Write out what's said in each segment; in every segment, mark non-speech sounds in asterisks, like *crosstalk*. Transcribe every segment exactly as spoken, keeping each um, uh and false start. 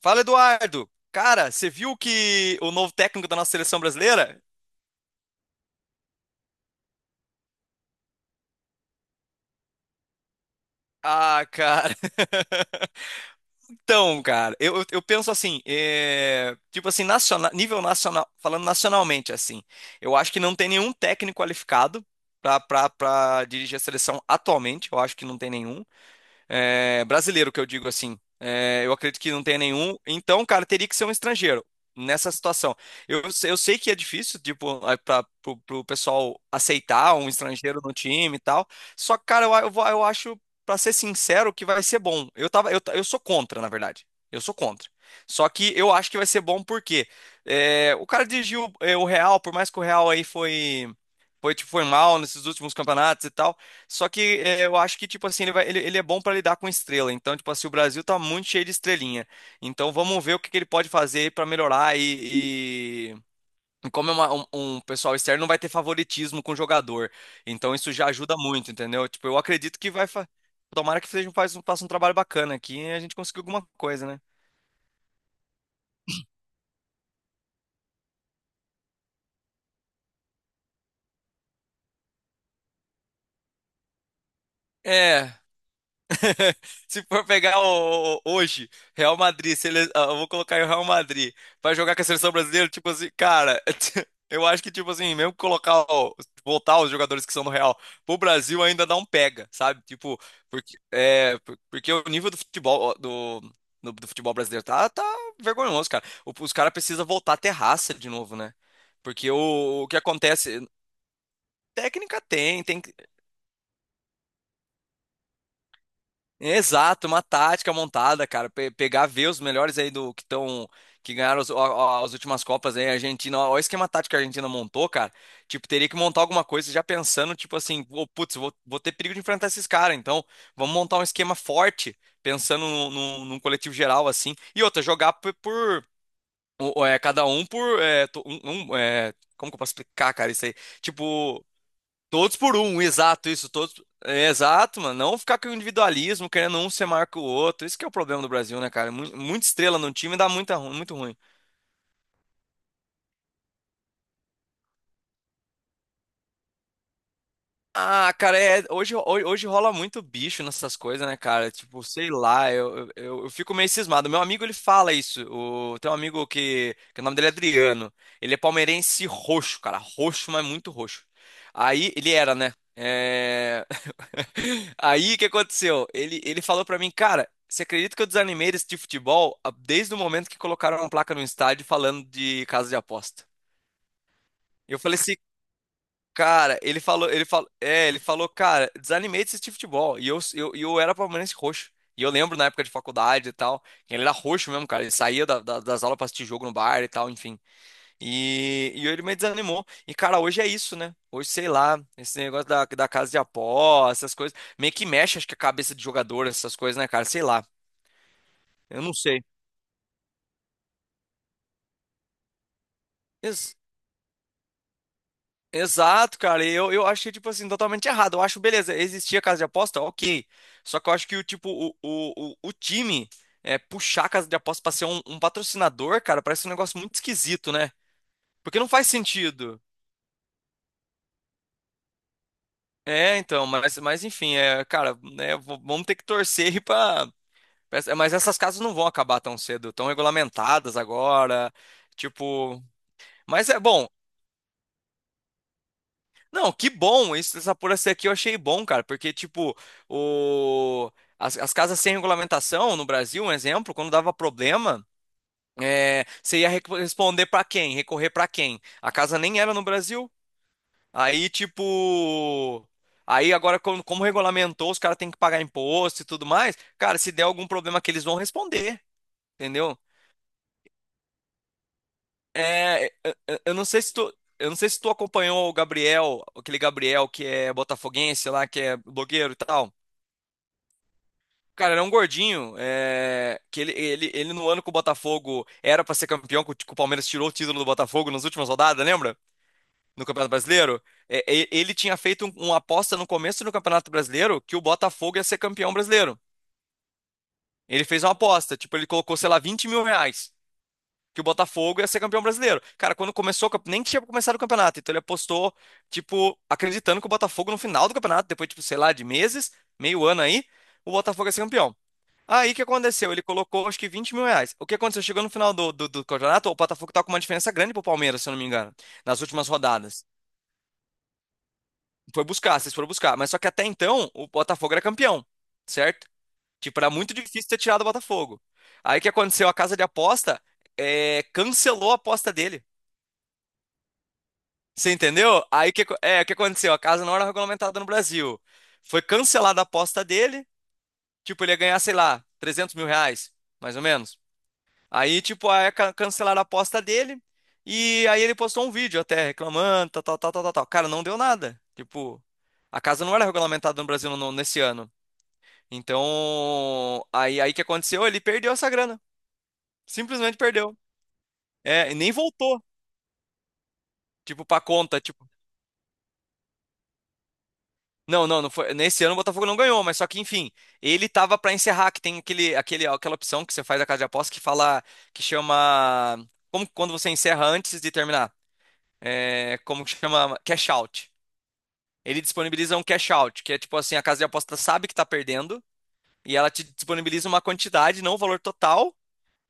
Fala, Eduardo. Cara, você viu que o novo técnico da nossa seleção brasileira? Ah, cara. *laughs* Então, cara, eu, eu, eu penso assim, é, tipo assim, naciona- nível nacional, falando nacionalmente, assim, eu acho que não tem nenhum técnico qualificado pra pra- pra dirigir a seleção atualmente, eu acho que não tem nenhum. É, brasileiro, que eu digo assim. É, eu acredito que não tenha nenhum. Então, cara, teria que ser um estrangeiro nessa situação. Eu, eu sei que é difícil, tipo, para o pessoal aceitar um estrangeiro no time e tal. Só que, cara, eu, eu, vou- eu acho, para ser sincero, que vai ser bom. Eu tava, eu, ta- eu sou contra, na verdade. Eu sou contra. Só que eu acho que vai ser bom porque é, o cara dirigiu é, o Real, por mais que o Real aí foi, foi, tipo, foi mal nesses últimos campeonatos e tal. Só que é, eu acho que, tipo assim, ele vai, ele, ele é bom para lidar com estrela. Então, tipo assim, o Brasil tá muito cheio de estrelinha. Então, vamos ver o que, que ele pode fazer para melhorar. E, e- e como é uma- um, um pessoal externo, não vai ter favoritismo com o jogador. Então, isso já ajuda muito, entendeu? Tipo, eu acredito que vai. fa- Tomara que seja, um- faz, um- faça um trabalho bacana aqui e a gente consiga alguma coisa, né? É. *laughs* Se for pegar o, o- hoje, Real Madrid, se ele, ah, eu vou colocar o Real Madrid pra jogar com a seleção brasileira, tipo assim, cara, *laughs* eu acho que, tipo assim, mesmo colocar, o- voltar os jogadores que são do Real pro Brasil ainda não pega, sabe? Tipo, porque, é, por- porque o nível do futebol, ó, do, no- do futebol brasileiro tá, tá vergonhoso, cara. O- os caras precisam voltar a ter raça de novo, né? Porque o, o que acontece, técnica tem, tem. Exato, uma tática montada, cara. Pe- pegar, ver os melhores aí do que estão, que ganharam os- a- a- as últimas Copas aí, a Argentina. Olha o esquema tático que a Argentina montou, cara. Tipo, teria que montar alguma coisa já pensando, tipo assim, "Ô, putz, vou, vou ter perigo de enfrentar esses caras, então vamos montar um esquema forte, pensando no- no- num coletivo geral, assim. E outra, jogar por, por- o- é, cada um por. é, to- um, um, é, como que eu posso explicar, cara, isso aí? Tipo. Todos por um, exato, isso, todos. é, Exato, mano. Não ficar com o individualismo, querendo um ser maior que o outro. Isso que é o problema do Brasil, né, cara? Mu- Muita estrela no time dá muita, ru- muito ruim. Ah, cara, é, hoje, hoje, hoje rola muito bicho nessas coisas, né, cara? Tipo, sei lá, eu, eu, eu fico meio cismado. Meu amigo, ele fala isso. O, tem um amigo que, que o nome dele é Adriano. Ele é palmeirense roxo, cara. Roxo, mas muito roxo. Aí, ele era, né? É, Aí o que aconteceu? Ele, ele falou pra mim, cara, você acredita que eu desanimei desse tipo de futebol a- desde o momento que colocaram uma placa no estádio falando de casa de aposta? Eu falei assim, cara, ele falou, ele falou, é, ele falou, cara, desanimei desse tipo de futebol. E eu, eu, e eu era palmeirense roxo. E eu lembro na época de faculdade e tal, ele era roxo mesmo, cara. Ele saía da- da- das aulas pra assistir jogo no bar e tal, enfim. E, e ele me desanimou. E, cara, hoje é isso, né? Hoje, sei lá, esse negócio da, da casa de apostas, essas coisas. Meio que mexe, acho que a cabeça de jogador, essas coisas, né, cara? Sei lá. Eu não sei. Ex- Exato, cara. E Eu, eu achei, tipo assim, totalmente errado. Eu acho, beleza, existia casa de aposta, ok. Só que eu acho que o tipo, o, o, o, o time é, puxar a casa de aposta pra ser um, um patrocinador, cara, parece um negócio muito esquisito, né? Porque não faz sentido. É, então, mas, mas enfim, é, cara, né, v- vamos ter que torcer aí pra. Mas mas essas casas não vão acabar tão cedo, estão regulamentadas agora. Tipo, mas é bom. Não, que bom. Isso, essa apuração aqui eu achei bom, cara, porque, tipo, o, as, as casas sem regulamentação no Brasil, um exemplo, quando dava problema, é, você ia reco- responder pra quem? Recorrer pra quem? A casa nem era no Brasil. Aí, tipo. Aí agora, como, como regulamentou, os caras têm que pagar imposto e tudo mais. Cara, se der algum problema que eles vão responder. Entendeu? É, é, é, eu não sei se tu, eu não sei se tu acompanhou o Gabriel, aquele Gabriel que é botafoguense lá, que é blogueiro e tal. Cara, era um gordinho, é, que ele, ele, ele no ano que o Botafogo era pra ser campeão, que o que o Palmeiras tirou o título do Botafogo nas últimas rodadas, lembra? No Campeonato Brasileiro. É, e- ele tinha feito um- uma aposta no começo do Campeonato Brasileiro que o Botafogo ia ser campeão brasileiro. Ele fez uma aposta, tipo, ele colocou, sei lá, vinte mil reais. que o Botafogo ia ser campeão brasileiro. Cara, quando começou, o campe- nem tinha começado o campeonato, então ele apostou, tipo, acreditando que o Botafogo no final do campeonato, depois, tipo, sei lá, de meses, meio ano aí, o Botafogo ia ser campeão. Aí o que aconteceu? Ele colocou acho que vinte mil reais. O que aconteceu? Chegou no final do, do, do campeonato, o Botafogo tá com uma diferença grande pro Palmeiras, se eu não me engano, nas últimas rodadas. Foi buscar, vocês foram buscar. Mas só que até então, o Botafogo era campeão, certo? Tipo, era muito difícil ter tirado o Botafogo. Aí o que aconteceu? A casa de aposta eh, cancelou a aposta dele. Você entendeu? Aí o que, é, o que aconteceu? A casa não era regulamentada no Brasil. Foi cancelada a aposta dele. Tipo, ele ia ganhar, sei lá, trezentos mil reais, mais ou menos. Aí, tipo, aí ca- cancelaram a aposta dele. E aí ele postou um vídeo até reclamando, tal, tal, tal, tal, tal. tal. Cara, não deu nada. Tipo, a casa não era regulamentada no Brasil no- nesse ano. Então, aí, aí que aconteceu? Ele perdeu essa grana. Simplesmente perdeu. É, e nem voltou, tipo, pra conta. Tipo, Não, não, não foi. Nesse ano o Botafogo não ganhou, mas só que, enfim, ele tava pra encerrar, que tem aquele, aquele, aquela opção que você faz na casa de aposta que fala, que chama, como quando você encerra antes de terminar, é, como que chama? Cash out. Ele disponibiliza um cash out, que é tipo assim, a casa de aposta sabe que tá perdendo e ela te disponibiliza uma quantidade, não o valor total,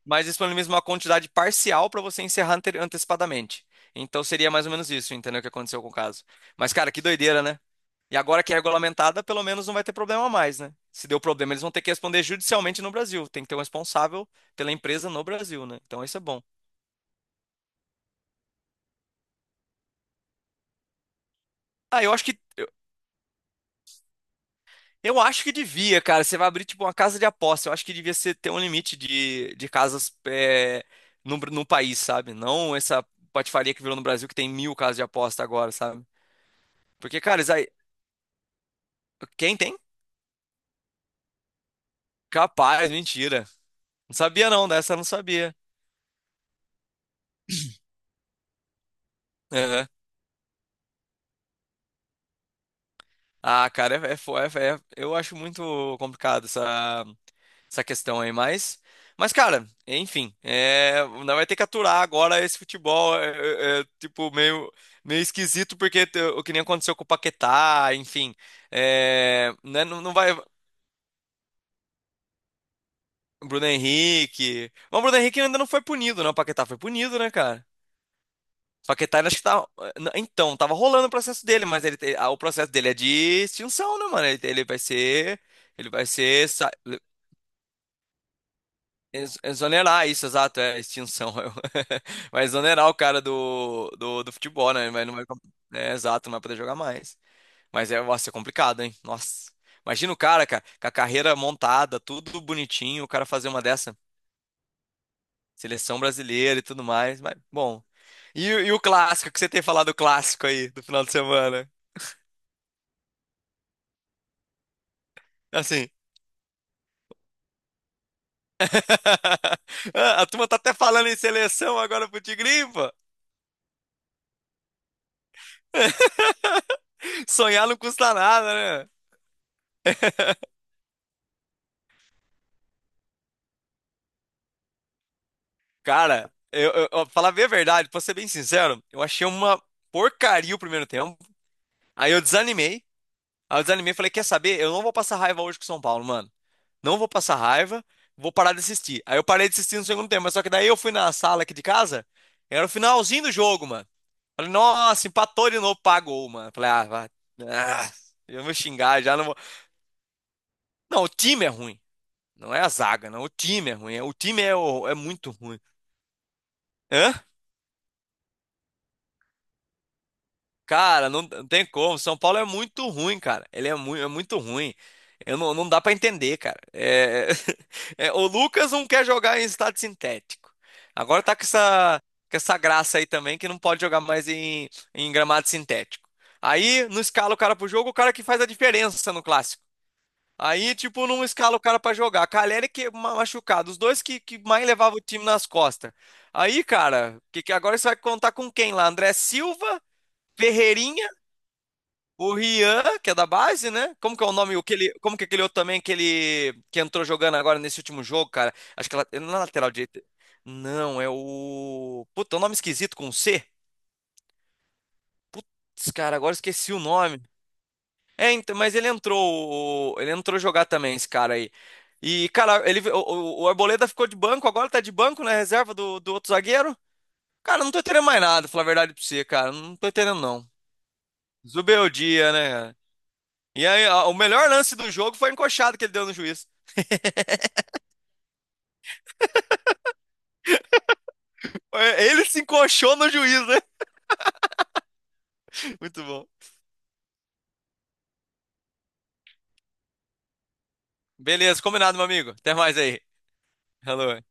mas disponibiliza uma quantidade parcial pra você encerrar ante- antecipadamente. Então seria mais ou menos isso, entendeu o que aconteceu com o caso. Mas, cara, que doideira, né? E agora que é regulamentada, pelo menos não vai ter problema mais, né? Se deu problema, eles vão ter que responder judicialmente no Brasil. Tem que ter um responsável pela empresa no Brasil, né? Então isso é bom. Ah, eu acho que eu, eu acho que devia, cara. Você vai abrir tipo uma casa de aposta. Eu acho que devia ser ter um limite de, de casas é, no, no país, sabe? Não essa patifaria que virou no Brasil que tem mil casas de aposta agora, sabe? Porque, cara, isso aí, quem tem? Capaz, mentira. Não sabia não, dessa eu não sabia. Ah, cara, é, é, fo- é- é- eu acho muito complicado essa, essa questão aí, mas, mas cara, enfim, é, não vai ter que aturar agora esse futebol, é, é- é, tipo, meio, meio esquisito, porque te- o que nem aconteceu com o Paquetá, enfim, é, né, não, não vai. Bruno Henrique, mas o Bruno Henrique ainda não foi punido, né, o Paquetá foi punido, né, cara? O Paquetá, ele acho que tá, então, tava rolando o processo dele, mas ele, te- ah, o processo dele é de extinção, né, mano, ele ele vai ser... Ele vai ser. Ex- Exonerar isso, exato, é extinção. *laughs* Vai exonerar o cara do, do, do futebol, né? Vai, não vai, é, exato, não vai poder jogar mais. Mas é, nossa, é complicado, hein? Nossa. Imagina o cara, cara, com a carreira montada, tudo bonitinho, o cara fazer uma dessa. Seleção brasileira e tudo mais. Mas, bom. E, o- e o clássico, que você tem falado do clássico aí do final de semana? Assim. *laughs* A turma tá até falando em seleção agora pro Tigrinho, pô. Sonhar não custa nada, né?" Cara, eu, eu, eu- falar bem a verdade, pra ser bem sincero, eu achei uma porcaria o primeiro tempo. Aí eu desanimei. Aí eu desanimei e falei: quer saber? Eu não vou passar raiva hoje com o São Paulo, mano. Não vou passar raiva, vou parar de assistir. Aí eu parei de assistir no segundo tempo, mas só que daí eu fui na sala aqui de casa, era o finalzinho do jogo, mano. Falei, nossa, empatou de novo, pagou, mano. Falei, ah, vai. Ah, eu vou xingar já, não vou. Não, o time é ruim. Não é a zaga, não. O time é ruim. é- O time é, o- é muito ruim. Hã? Cara, não, não tem como. São Paulo é muito ruim, cara. Ele é, mu é muito ruim. Eu não, Não dá pra entender, cara. É... *laughs* é, O Lucas não quer jogar em estádio sintético. Agora tá com essa, com essa graça aí também que não pode jogar mais em, em, gramado sintético. Aí não escala o cara pro jogo, o cara que faz a diferença no clássico. Aí, tipo, não escala o cara pra jogar. Caleri que ma- machucado, os dois que, que mais levavam o time nas costas. Aí, cara, que, que agora você vai contar com quem lá? André Silva? Ferreirinha o Rian, que é da base, né? Como que é o nome? Aquele, como que é aquele outro também que ele que entrou jogando agora nesse último jogo, cara? Acho que ela, não é lateral direito. Não, é o. Puta, é um nome esquisito com um C. Putz, cara, agora esqueci o nome. É, então, mas ele entrou. Ele entrou jogar também, esse cara aí. E, cara, ele, o, o o Arboleda ficou de banco, agora tá de banco na reserva do, do outro zagueiro. Cara, não tô entendendo mais nada, pra falar a verdade pra você, cara. Não tô entendendo, não. Zubeldia, né? E aí, a- o melhor lance do jogo foi a encoxada que ele deu no juiz. É. Ele se encoxou no juiz, né? *laughs* Muito bom. Beleza, combinado, meu amigo. Até mais aí. Alô.